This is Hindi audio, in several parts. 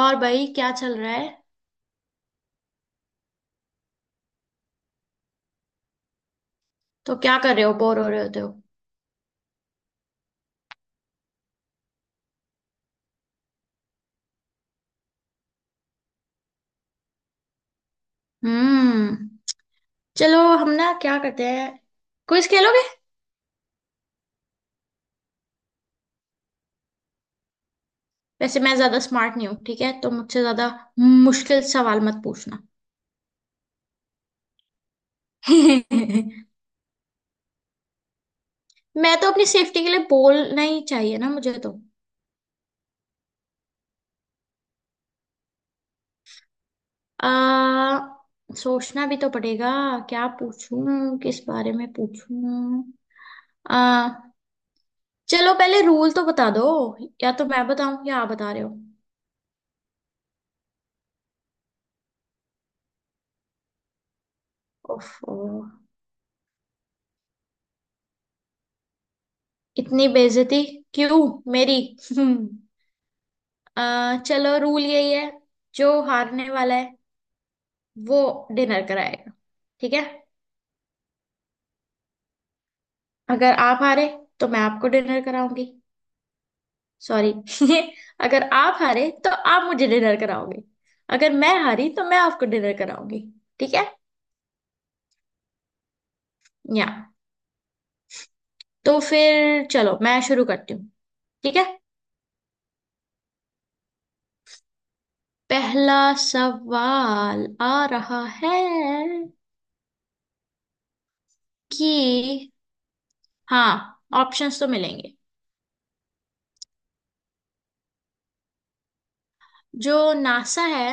और भाई क्या चल रहा है। तो क्या कर रहे हो, बोर हो रहे होते हो। हम्म। चलो हम ना क्या करते हैं, क्विज खेलोगे। वैसे मैं ज्यादा स्मार्ट नहीं हूँ, ठीक है, तो मुझसे ज्यादा मुश्किल सवाल मत पूछना। मैं तो अपनी सेफ्टी के लिए बोलना ही चाहिए ना मुझे तो। सोचना भी तो पड़ेगा। क्या पूछूं, किस बारे में पूछूं। आ, चलो पहले रूल तो बता दो। या तो मैं बताऊं या आप बता रहे हो। ओफो, इतनी बेइज्जती क्यों मेरी। हम्म। चलो रूल यही है, जो हारने वाला है वो डिनर कराएगा। ठीक है। अगर आप हारे तो मैं आपको डिनर कराऊंगी। सॉरी। अगर आप हारे तो आप मुझे डिनर कराओगे। अगर मैं हारी तो मैं आपको डिनर कराऊंगी। ठीक है। या तो फिर चलो मैं शुरू करती हूँ। ठीक है। पहला सवाल आ रहा है कि। हाँ, ऑप्शंस तो मिलेंगे। जो नासा है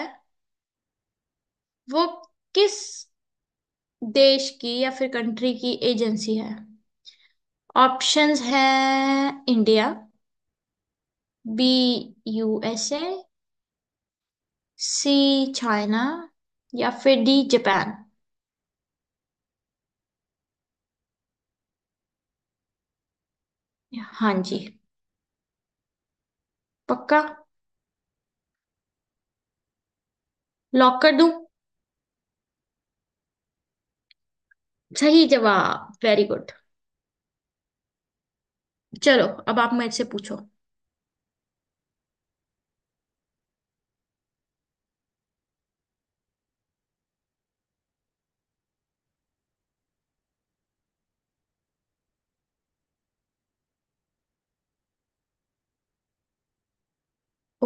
वो किस देश की या फिर कंट्री की एजेंसी है। ऑप्शंस है India, B USA, C China, या फिर डी जापान। हाँ जी। पक्का। लॉक कर दूं। सही जवाब, वेरी गुड। चलो अब आप मेरे से पूछो।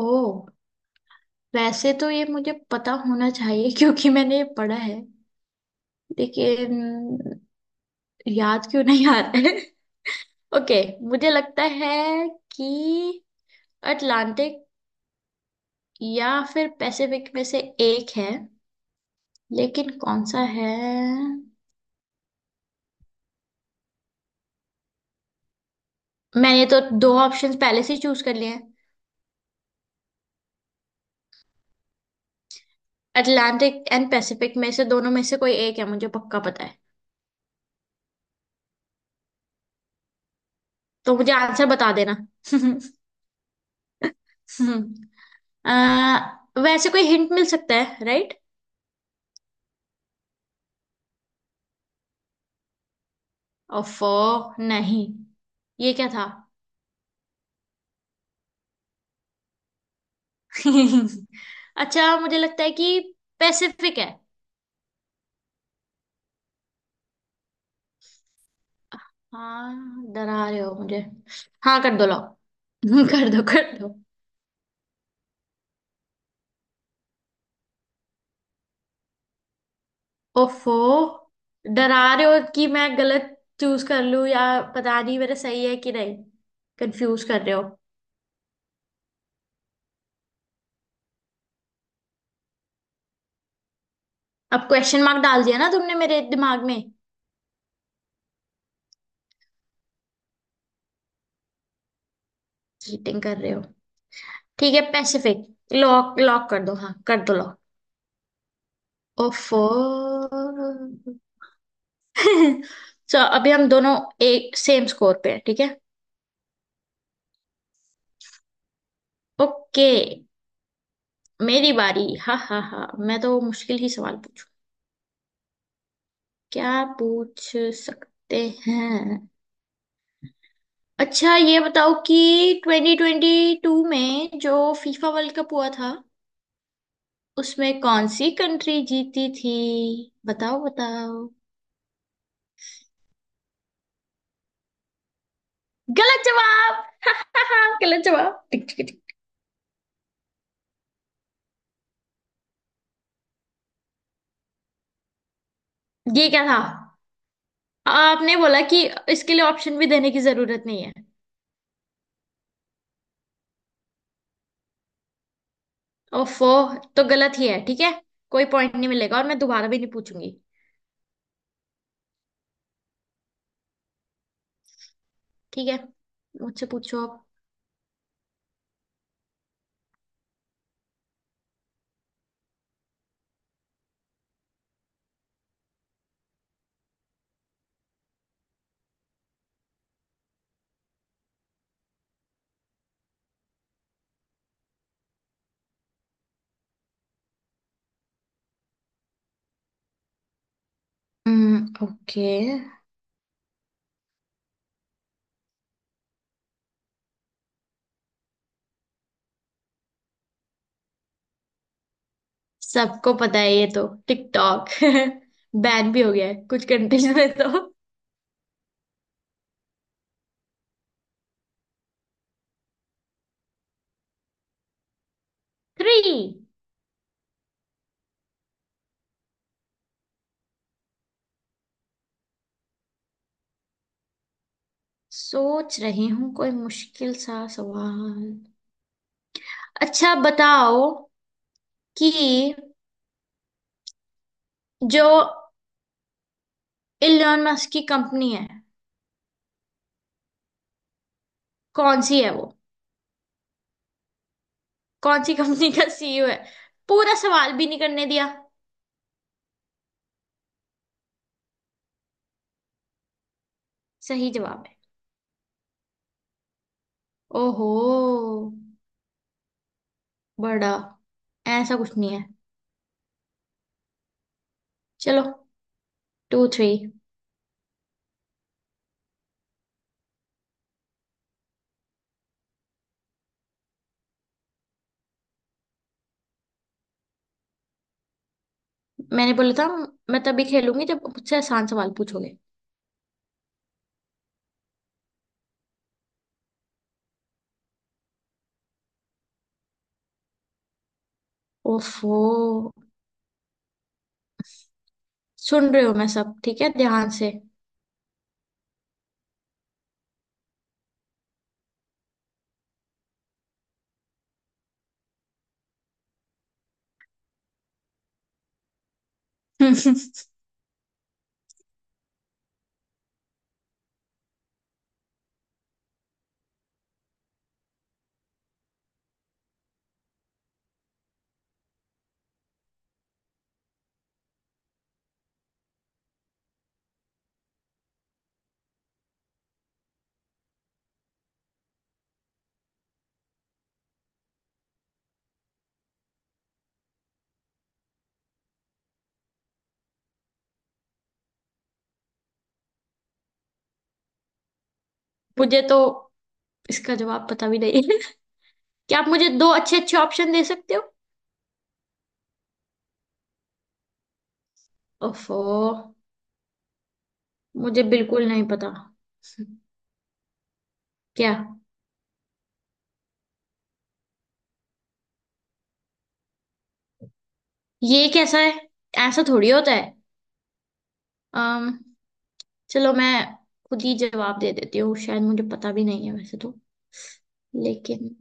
ओह, वैसे तो ये मुझे पता होना चाहिए। क्योंकि मैंने ये पढ़ा है, लेकिन याद क्यों नहीं आ रहा है। ओके, मुझे लगता है कि अटलांटिक या फिर पैसिफिक में से एक है, लेकिन कौन सा है। मैंने तो दो ऑप्शंस पहले से चूज कर लिए हैं। अटलांटिक एंड पैसिफिक में से, दोनों में से कोई एक है मुझे पक्का पता है। तो मुझे आंसर बता देना। अह, वैसे कोई हिंट मिल सकता है, राइट। ओफो। नहीं। ये क्या था। अच्छा मुझे लगता है कि पैसिफिक है। हाँ, डरा रहे हो मुझे। हाँ कर दो, लाओ। कर दो कर दो। ओफो, डरा रहे हो कि मैं गलत चूज कर लूं। या पता नहीं मेरा सही है कि नहीं, कंफ्यूज कर रहे हो। अब क्वेश्चन मार्क डाल दिया ना तुमने मेरे दिमाग में। चीटिंग कर रहे हो। ठीक है, पैसिफिक। लॉक लॉक कर दो, हाँ कर दो लॉक। ओफो। सो अभी हम दोनों एक सेम स्कोर पे हैं, ठीक है। ओके, मेरी बारी। हा हा हा, मैं तो मुश्किल ही सवाल पूछ, क्या पूछ सकते हैं। अच्छा ये बताओ कि 2022 में जो फीफा वर्ल्ड कप हुआ था उसमें कौन सी कंट्री जीती थी। बताओ बताओ। गलत जवाब। गलत जवाब, टिक टिक टिक। ये क्या था। आपने बोला कि इसके लिए ऑप्शन भी देने की जरूरत नहीं है। ओफो, तो गलत ही है, ठीक है, कोई पॉइंट नहीं मिलेगा और मैं दोबारा भी नहीं पूछूंगी। ठीक है, मुझसे पूछो आप। ओके। सबको पता है, ये तो टिकटॉक। बैन भी हो गया है कुछ कंट्रीज में तो। थ्री। सोच रही हूँ कोई मुश्किल सा सवाल। अच्छा बताओ कि जो इलोन मस्क की कंपनी है, कौन सी है वो, कौन सी कंपनी का सीईओ है। पूरा सवाल भी नहीं करने दिया। सही जवाब है। ओहो, बड़ा, ऐसा कुछ नहीं है। चलो टू थ्री। मैंने बोला था मैं तभी खेलूंगी जब मुझसे आसान सवाल पूछोगे। ओफो। सुन रहे हो, मैं सब ठीक है ध्यान से। मुझे तो इसका जवाब पता भी नहीं है। क्या आप मुझे दो अच्छे अच्छे ऑप्शन दे सकते हो। ओफो, मुझे बिल्कुल नहीं पता। क्या, ये कैसा है, ऐसा थोड़ी होता है। अम चलो मैं खुद ही जवाब दे देती हूँ, शायद मुझे पता भी नहीं है वैसे तो। लेकिन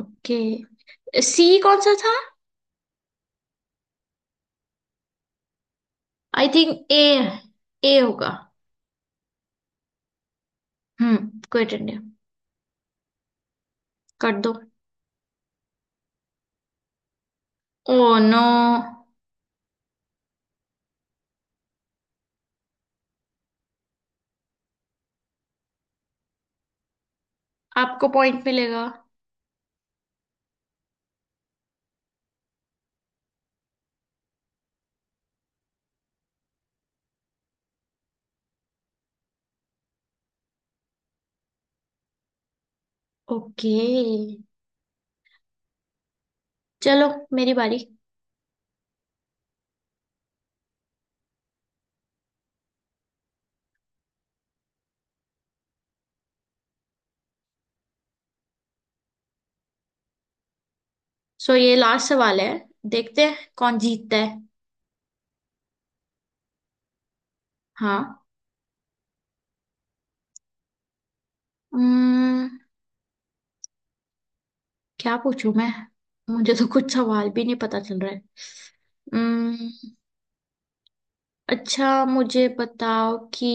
ओके, सी कौन सा था। आई थिंक ए, ए होगा। Hmm, Quit India. कर दो। Oh no. आपको पॉइंट मिलेगा। ओके, चलो मेरी बारी। सो ये लास्ट सवाल है, देखते हैं कौन जीतता है। हाँ। हम्म, क्या पूछूं मैं, मुझे तो कुछ सवाल भी नहीं पता चल रहा है। हम्म। अच्छा मुझे बताओ कि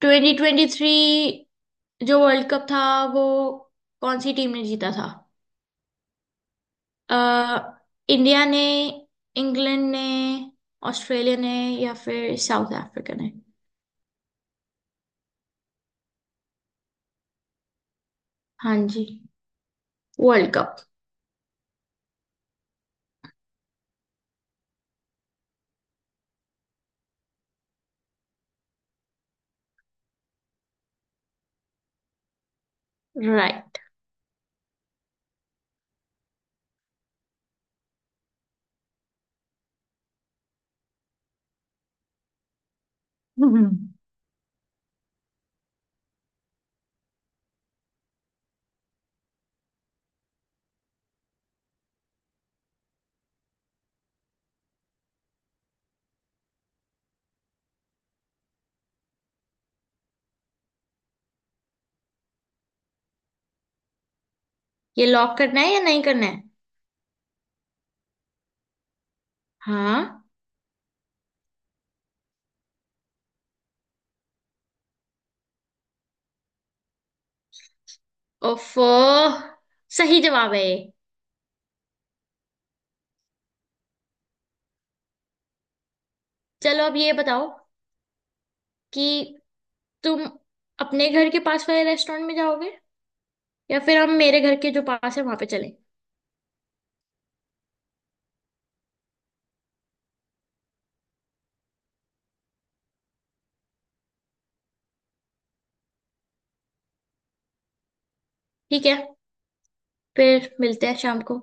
2023 जो वर्ल्ड कप था वो कौन सी टीम ने जीता था। अ, इंडिया ने, इंग्लैंड ने, ऑस्ट्रेलिया ने, या फिर साउथ अफ्रीका ने। हाँ जी, वर्ल्ड कप। राइट। ये लॉक करना है या नहीं करना है। हाँ। ओफ, सही जवाब है ये। चलो अब ये बताओ कि तुम अपने घर के पास वाले रेस्टोरेंट में जाओगे, या फिर हम मेरे घर के जो पास है वहां पे चलें। ठीक है, फिर मिलते हैं शाम को।